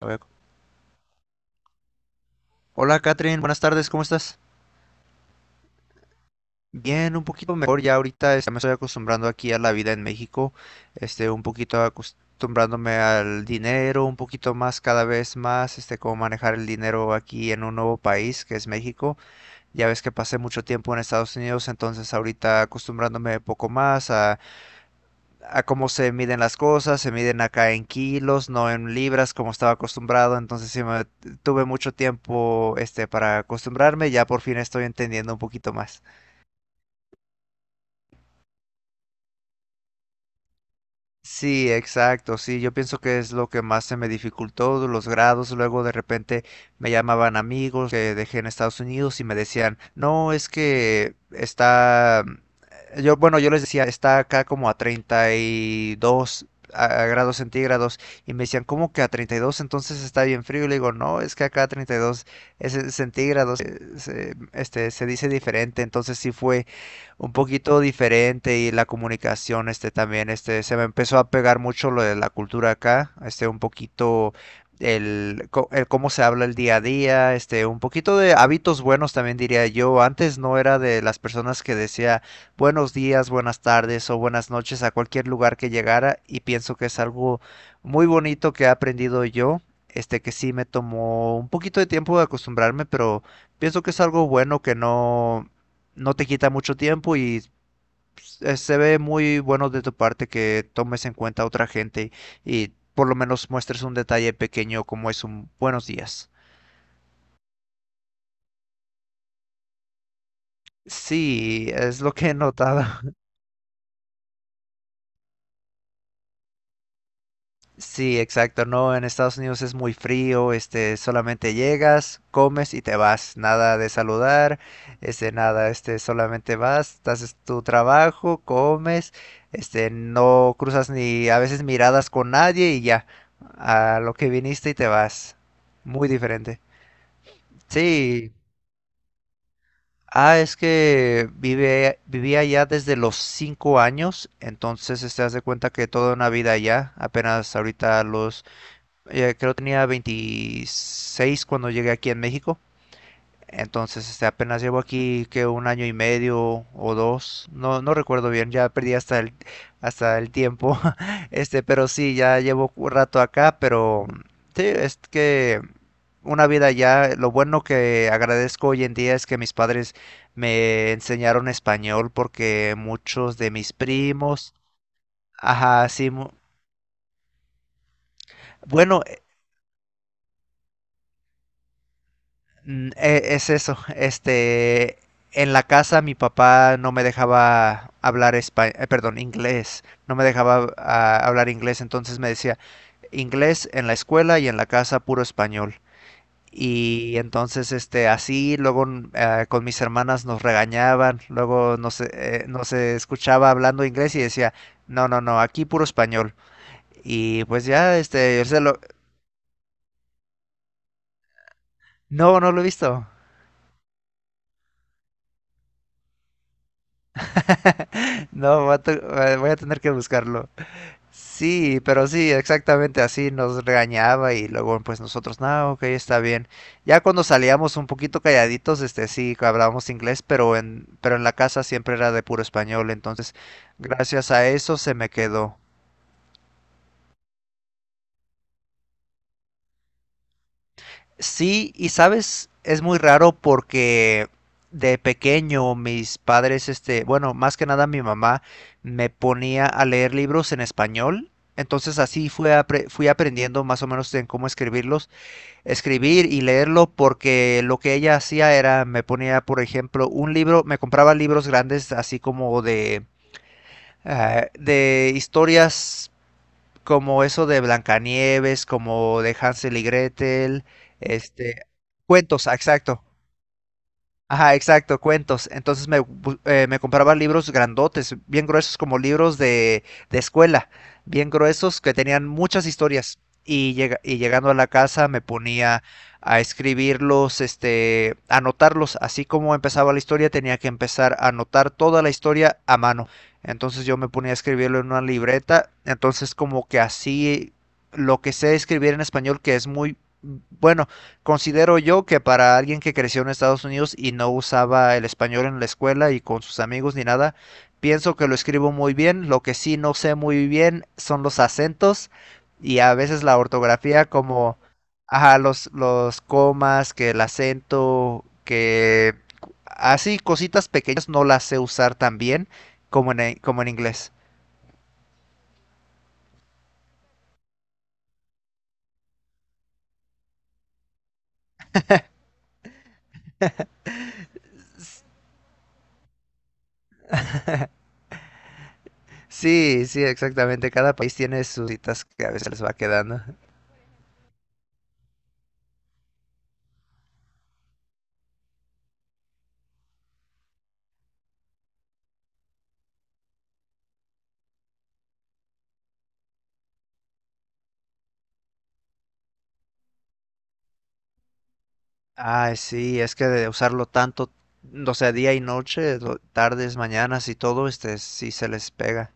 A ver. Hola Catherine, buenas tardes, ¿cómo estás? Bien, un poquito mejor ya ahorita, me estoy acostumbrando aquí a la vida en México. Un poquito acostumbrándome al dinero, un poquito más cada vez más, cómo manejar el dinero aquí en un nuevo país que es México. Ya ves que pasé mucho tiempo en Estados Unidos, entonces ahorita acostumbrándome poco más a cómo se miden las cosas, se miden acá en kilos, no en libras como estaba acostumbrado. Entonces sí tuve mucho tiempo para acostumbrarme, ya por fin estoy entendiendo un poquito más. Sí, exacto, sí, yo pienso que es lo que más se me dificultó, los grados. Luego de repente me llamaban amigos que dejé en Estados Unidos y me decían, no, es que está, yo les decía, está acá como a 32 a grados centígrados, y me decían, ¿cómo que a 32? Entonces está bien frío, y le digo, no, es que acá a 32 es en centígrados. Se dice diferente, entonces sí fue un poquito diferente. Y la comunicación también se me empezó a pegar mucho lo de la cultura acá, un poquito el cómo se habla el día a día, un poquito de hábitos buenos también diría yo. Antes no era de las personas que decía buenos días, buenas tardes o buenas noches a cualquier lugar que llegara, y pienso que es algo muy bonito que he aprendido yo. Que sí me tomó un poquito de tiempo de acostumbrarme, pero pienso que es algo bueno, que no te quita mucho tiempo, y se ve muy bueno de tu parte que tomes en cuenta a otra gente y por lo menos muestres un detalle pequeño como es un buenos días. Sí, es lo que he notado. Sí, exacto, no, en Estados Unidos es muy frío, solamente llegas, comes y te vas, nada de saludar, este, nada, este, solamente vas, haces tu trabajo, comes, no cruzas ni a veces miradas con nadie, y ya, a lo que viniste y te vas, muy diferente. Sí, es que vivía allá desde los 5 años. Entonces, haz de cuenta que toda una vida allá. Apenas ahorita a los creo que tenía 26 cuando llegué aquí en México. Entonces, apenas llevo aquí que un año y medio o dos, no, no recuerdo bien, ya perdí hasta el tiempo, pero sí, ya llevo un rato acá. Pero sí, es que una vida ya. Lo bueno que agradezco hoy en día es que mis padres me enseñaron español, porque muchos de mis primos, ajá, sí, bueno, es eso. En la casa mi papá no me dejaba hablar perdón, inglés, no me dejaba hablar inglés, entonces me decía inglés en la escuela y en la casa puro español. Y entonces, así, luego con mis hermanas nos regañaban, luego nos escuchaba hablando inglés y decía, no, no, no, aquí puro español. Y pues ya, no, no lo he visto. No, voy a tener que buscarlo. Sí, pero sí, exactamente así nos regañaba, y luego pues nosotros, no, ok, está bien. Ya cuando salíamos un poquito calladitos, sí, hablábamos inglés, pero en la casa siempre era de puro español, entonces gracias a eso se me quedó. Sí, y sabes, es muy raro porque de pequeño mis padres, bueno, más que nada mi mamá me ponía a leer libros en español, entonces así fui aprendiendo más o menos en cómo escribirlos. Escribir y leerlo, porque lo que ella hacía era, me ponía, por ejemplo, un libro, me compraba libros grandes así como de historias como eso de Blancanieves, como de Hansel y Gretel, este, cuentos, ah, exacto. Ajá, exacto, cuentos. Entonces me compraba libros grandotes, bien gruesos como libros de escuela, bien gruesos que tenían muchas historias. Y llegando a la casa me ponía a escribirlos, anotarlos. Así como empezaba la historia, tenía que empezar a anotar toda la historia a mano. Entonces yo me ponía a escribirlo en una libreta. Entonces como que así lo que sé escribir en español, que es muy bueno. Considero yo que para alguien que creció en Estados Unidos y no usaba el español en la escuela y con sus amigos ni nada, pienso que lo escribo muy bien. Lo que sí no sé muy bien son los acentos y a veces la ortografía como, ajá, los comas, que el acento, que así cositas pequeñas no las sé usar tan bien como en inglés. Sí, sí, exactamente. Cada país tiene sus citas que a veces les va quedando. Ay, sí, es que de usarlo tanto, o sea, día y noche, tardes, mañanas y todo, sí se les pega.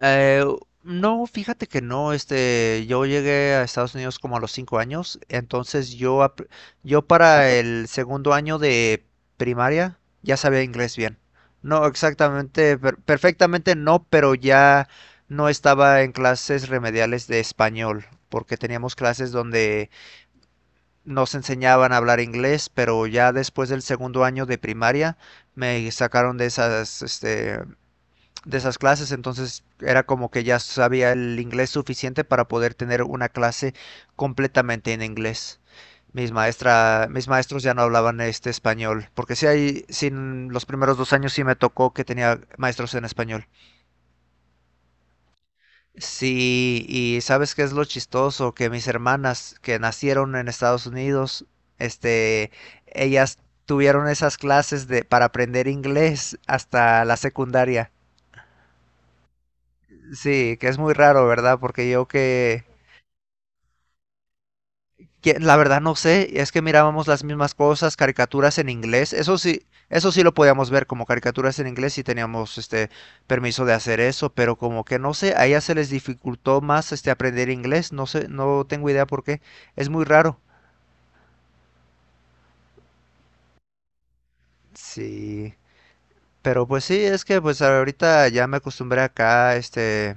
Eh, no, fíjate que no, yo llegué a Estados Unidos como a los 5 años, entonces yo para el segundo año de primaria ya sabía inglés bien. No, exactamente, perfectamente no, pero ya no estaba en clases remediales de español, porque teníamos clases donde nos enseñaban a hablar inglés, pero ya después del segundo año de primaria me sacaron de esas, de esas clases. Entonces era como que ya sabía el inglés suficiente para poder tener una clase completamente en inglés. Mis maestros ya no hablaban español, porque sin los primeros 2 años sí me tocó que tenía maestros en español. Sí, y ¿sabes qué es lo chistoso? Que mis hermanas que nacieron en Estados Unidos, este, ellas tuvieron esas clases de para aprender inglés hasta la secundaria. Sí, que es muy raro, ¿verdad? Porque la verdad no sé. Es que mirábamos las mismas cosas, caricaturas en inglés, eso sí lo podíamos ver como caricaturas en inglés, y teníamos este permiso de hacer eso, pero como que no sé, a ella se les dificultó más aprender inglés, no sé, no tengo idea por qué, es muy raro. Sí, pero pues sí, es que pues ahorita ya me acostumbré acá,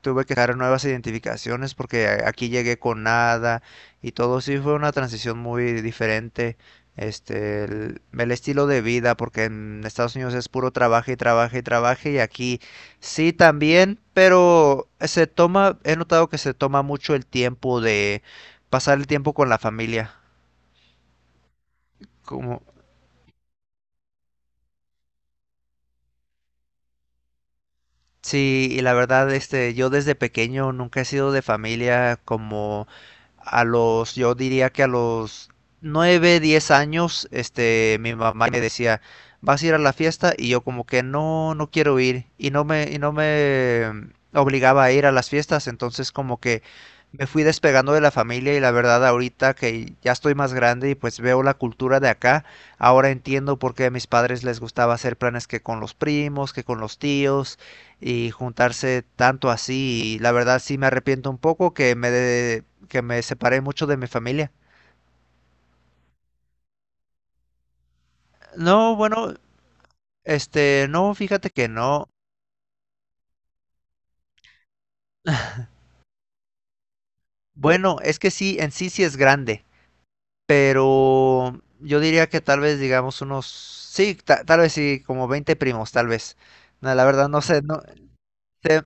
tuve que dejar nuevas identificaciones porque aquí llegué con nada, y todo sí fue una transición muy diferente. El estilo de vida, porque en Estados Unidos es puro trabajo y trabajo y trabajo, y aquí sí también, pero he notado que se toma mucho el tiempo de pasar el tiempo con la familia. Como, Sí, y la verdad, yo desde pequeño nunca he sido de familia como yo diría que a los 9 10 años, mi mamá me decía, ¿vas a ir a la fiesta? Y yo como que no, no quiero ir, y y no me obligaba a ir a las fiestas, entonces como que me fui despegando de la familia, y la verdad ahorita que ya estoy más grande y pues veo la cultura de acá, ahora entiendo por qué a mis padres les gustaba hacer planes que con los primos, que con los tíos y juntarse tanto así. Y la verdad sí me arrepiento un poco que me separé mucho de mi familia. No, bueno, no, fíjate que no. Bueno, es que sí, en sí sí es grande, pero yo diría que tal vez digamos unos, sí, tal vez sí, como 20 primos, tal vez. No, la verdad no sé, no, te-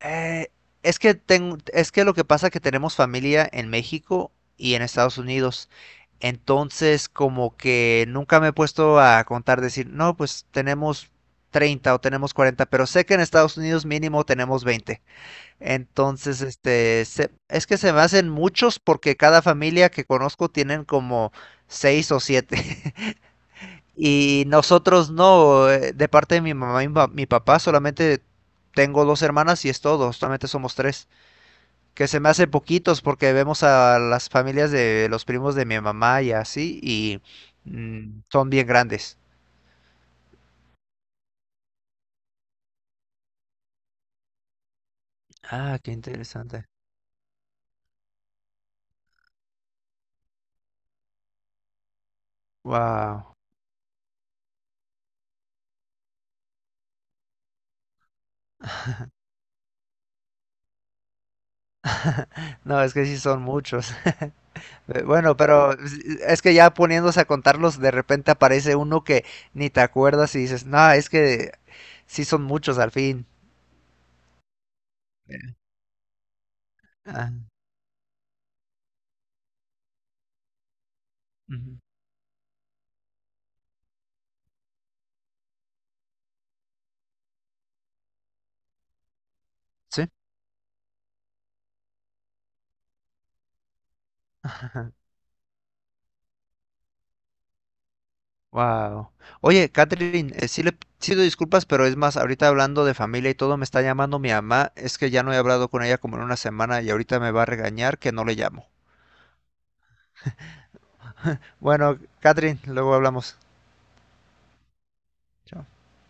eh, es que lo que pasa es que tenemos familia en México y en Estados Unidos. Entonces, como que nunca me he puesto a contar, decir, no, pues tenemos 30 o tenemos 40, pero sé que en Estados Unidos mínimo tenemos 20. Entonces, es que se me hacen muchos porque cada familia que conozco tienen como 6 o siete. Y nosotros no, de parte de mi mamá y mi papá, solamente tengo dos hermanas y es todo, solamente somos tres. Que se me hace poquitos porque vemos a las familias de los primos de mi mamá y así, y son bien grandes. Ah, qué interesante. Wow. No, es que sí son muchos. Bueno, pero es que ya poniéndose a contarlos, de repente aparece uno que ni te acuerdas y dices, no, es que sí son muchos al fin. Ah, ujú. Sí. Wow. Oye, Catherine, sí le pido disculpas, pero es más, ahorita hablando de familia y todo, me está llamando mi mamá. Es que ya no he hablado con ella como en una semana y ahorita me va a regañar que no le llamo. Bueno, Catherine, luego hablamos. Chao.